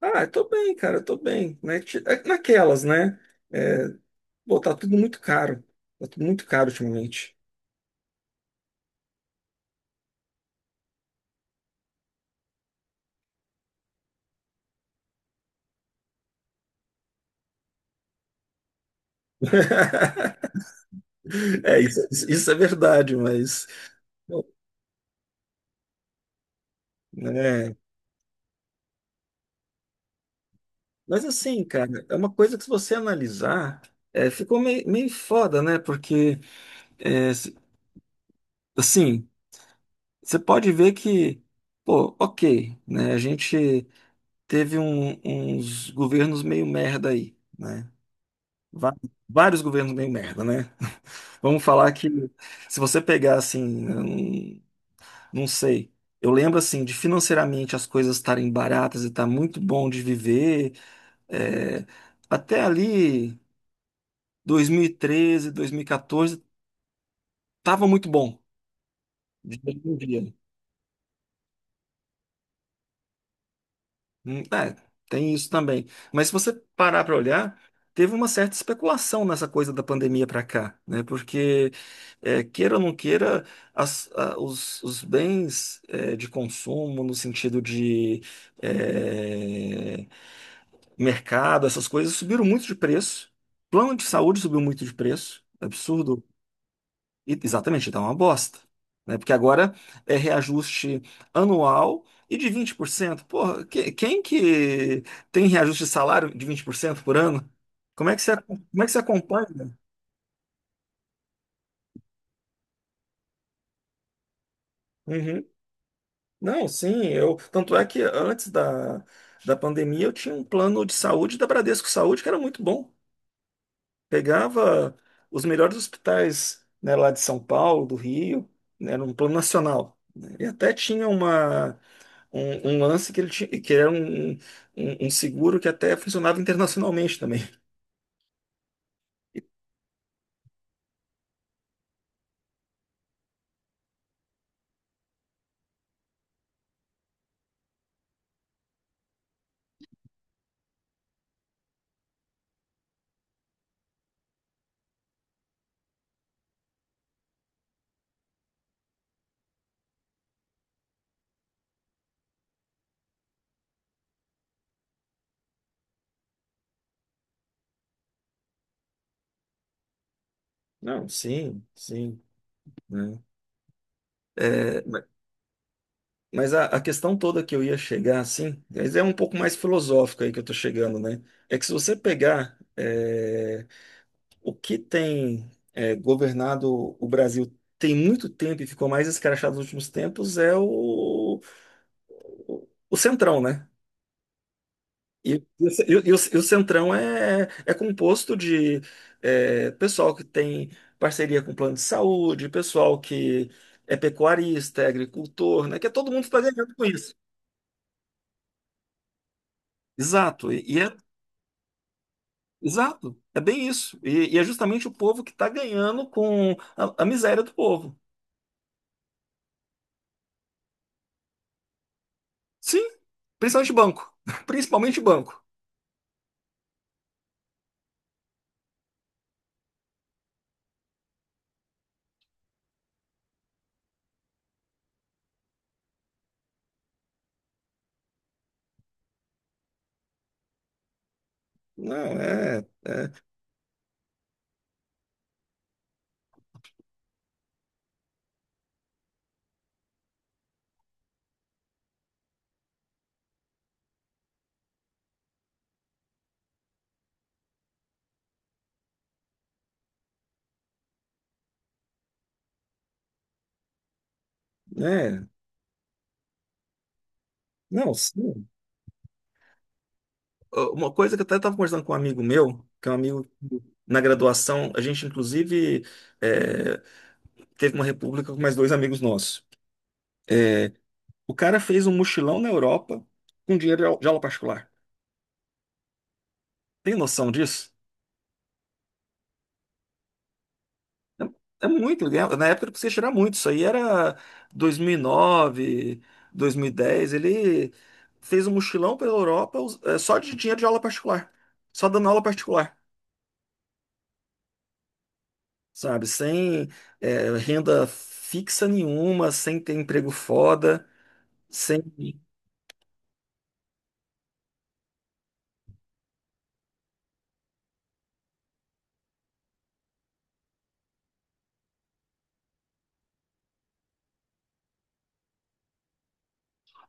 Ah, eu tô bem, cara, eu tô bem. Né? Naquelas, né? É, pô, tá tudo muito caro. Tá tudo muito caro ultimamente. É, isso é verdade, mas. Bom, né? Mas assim, cara, é uma coisa que, se você analisar, ficou meio foda, né? Porque, é, se- assim, você pode ver que, pô, ok, né? A gente teve uns governos meio merda aí, né? Va- Vários governos meio merda, né? Vamos falar que, se você pegar assim, eu não sei. Eu lembro assim de financeiramente as coisas estarem baratas e tá muito bom de viver. é, Até ali 2013, 2014 tava muito bom, de dia em dia. É, tem isso também. Mas, se você parar para olhar, teve uma certa especulação nessa coisa da pandemia para cá, né? Porque, queira ou não queira, os bens, de consumo, no sentido de, é, mercado, essas coisas, subiram muito de preço. Plano de saúde subiu muito de preço. Absurdo. Exatamente, dá uma bosta. Né? Porque agora é reajuste anual e de 20%. Porra, quem que tem reajuste de salário de 20% por cento por ano? Como é que como é que você acompanha? Uhum. Não, sim, eu. Tanto é que antes da, pandemia eu tinha um plano de saúde da Bradesco Saúde que era muito bom. Pegava os melhores hospitais, né, lá de São Paulo, do Rio, né, era um plano nacional, né? E até tinha uma. um lance que ele tinha, que era um seguro que até funcionava internacionalmente também. Não, sim, sim, né? É, ma- mas a questão toda que eu ia chegar, assim, mas é um pouco mais filosófica aí que eu tô chegando, né? É que, se você pegar o que tem governado o Brasil tem muito tempo e ficou mais escrachado nos últimos tempos é o centrão, né? O ce- e o- e o- e o Centrão é composto de pessoal que tem parceria com plano de saúde, pessoal que é pecuarista, é agricultor, né? Que é todo mundo está ganhando com isso. Exato. E é exato, é bem isso. E é justamente o povo que está ganhando com a miséria do povo. Sim, principalmente banco. Principalmente banco. Não, é, é, não, sim. Ah, uma coisa que eu até estava conversando com um amigo meu, que é um amigo que, na graduação, a gente inclusive é, teve uma república com mais dois amigos nossos. É, o cara fez um mochilão na Europa com dinheiro de de aula particular. Tem noção disso? É muito, né? Na época ele precisava tirar muito. Isso aí era 2009, 2010. Ele fez um mochilão pela Europa só de dinheiro de aula particular, só dando aula particular, sabe? Sem renda fixa nenhuma, sem ter emprego foda, sem.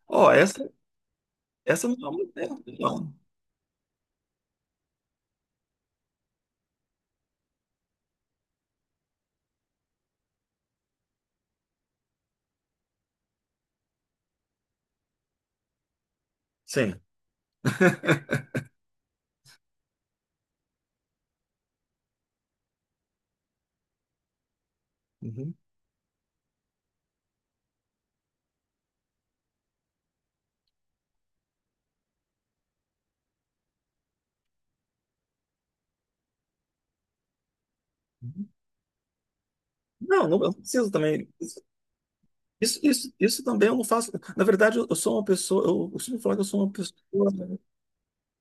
Ó, essa, não é uma ideia, não. Sim. Uhum. Uhum. Não, não, eu não preciso também. Isso também eu não faço. Na verdade, eu sou uma pessoa. Eu sempre falo que eu sou uma pessoa.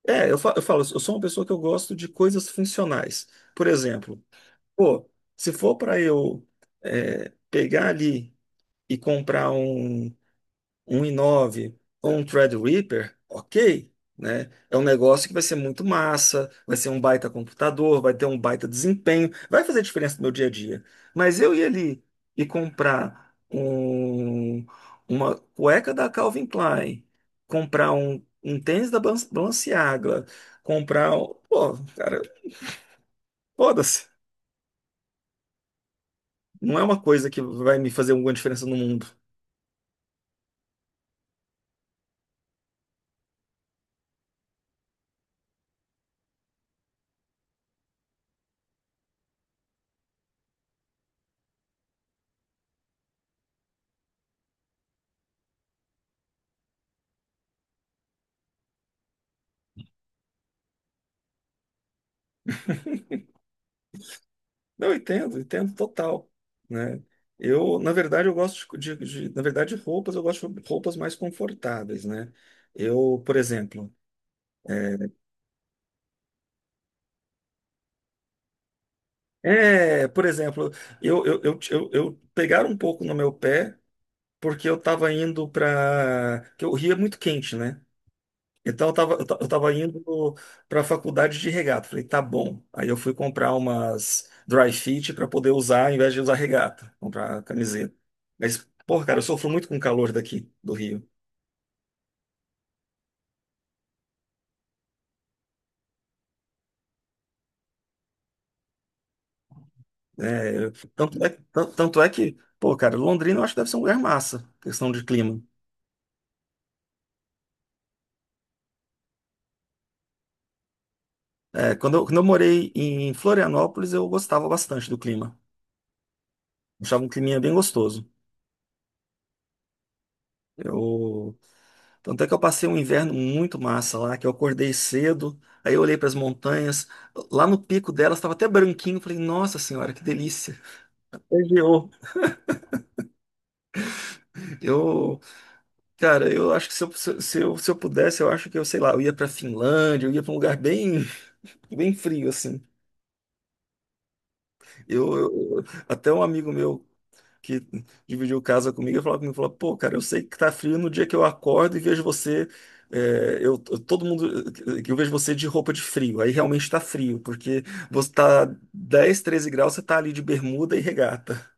É, eu falo, eu sou uma pessoa que eu gosto de coisas funcionais. Por exemplo, pô, se for para pegar ali e comprar um 1,9 com um Threadripper, ok, né? É um negócio que vai ser muito massa, vai ser um baita computador, vai ter um baita desempenho, vai fazer diferença no meu dia a dia. Mas eu ir ali e comprar uma cueca da Calvin Klein, comprar um tênis da Balenciaga, comprar. Pô, cara, foda-se. Não é uma coisa que vai me fazer alguma diferença no mundo. Não, eu entendo, entendo total, né? Eu, na verdade, eu gosto na verdade, de roupas, eu gosto de roupas mais confortáveis, né? Eu, por exemplo, é, é, por exemplo, eu pegaram um pouco no meu pé porque eu tava indo para, que o Rio é muito quente, né? Então eu tava indo para a faculdade de regata. Falei, tá bom. Aí eu fui comprar umas dry fit para poder usar, ao invés de usar regata, comprar camiseta. Mas, pô, cara, eu sofro muito com o calor daqui do Rio, né? Tanto é que, pô, cara, Londrina eu acho que deve ser um lugar massa, questão de clima. É, quando eu morei em Florianópolis, eu gostava bastante do clima. Achava um climinha bem gostoso. Eu Tanto é que eu passei um inverno muito massa lá, que eu acordei cedo, aí eu olhei para as montanhas, lá no pico delas estava até branquinho, falei, nossa senhora, que delícia. Legiou. Eu, cara, eu acho que se eu pudesse, eu acho que eu, sei lá, eu ia para Finlândia, eu ia para um lugar bem, bem frio, assim. Até um amigo meu que dividiu casa comigo, e falou comigo, falou, pô, cara, eu sei que tá frio no dia que eu acordo e vejo você, todo mundo, que eu vejo você de roupa de frio, aí realmente tá frio, porque você tá 10, 13 graus, você tá ali de bermuda e regata.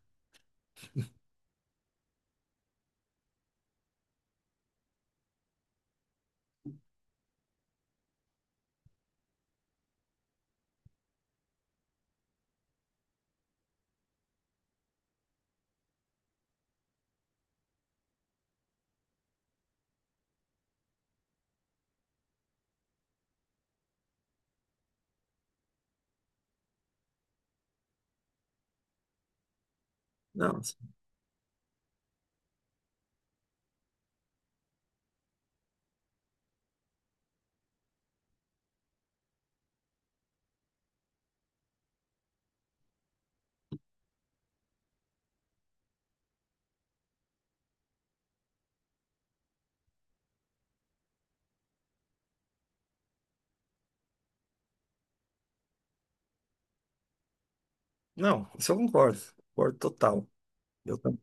Não, não, isso eu concordo, concordo total. Eu também.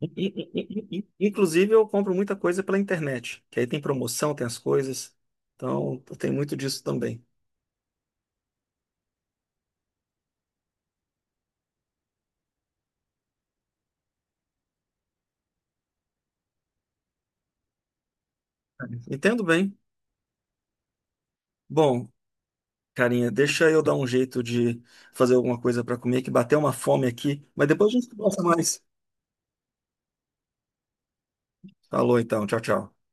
Inclusive, eu compro muita coisa pela internet, que aí tem promoção, tem as coisas, então tem muito disso também. Entendo bem. Bom, carinha, deixa eu dar um jeito de fazer alguma coisa para comer, que bateu uma fome aqui, mas depois a gente conversa mais. Falou então, tchau, tchau.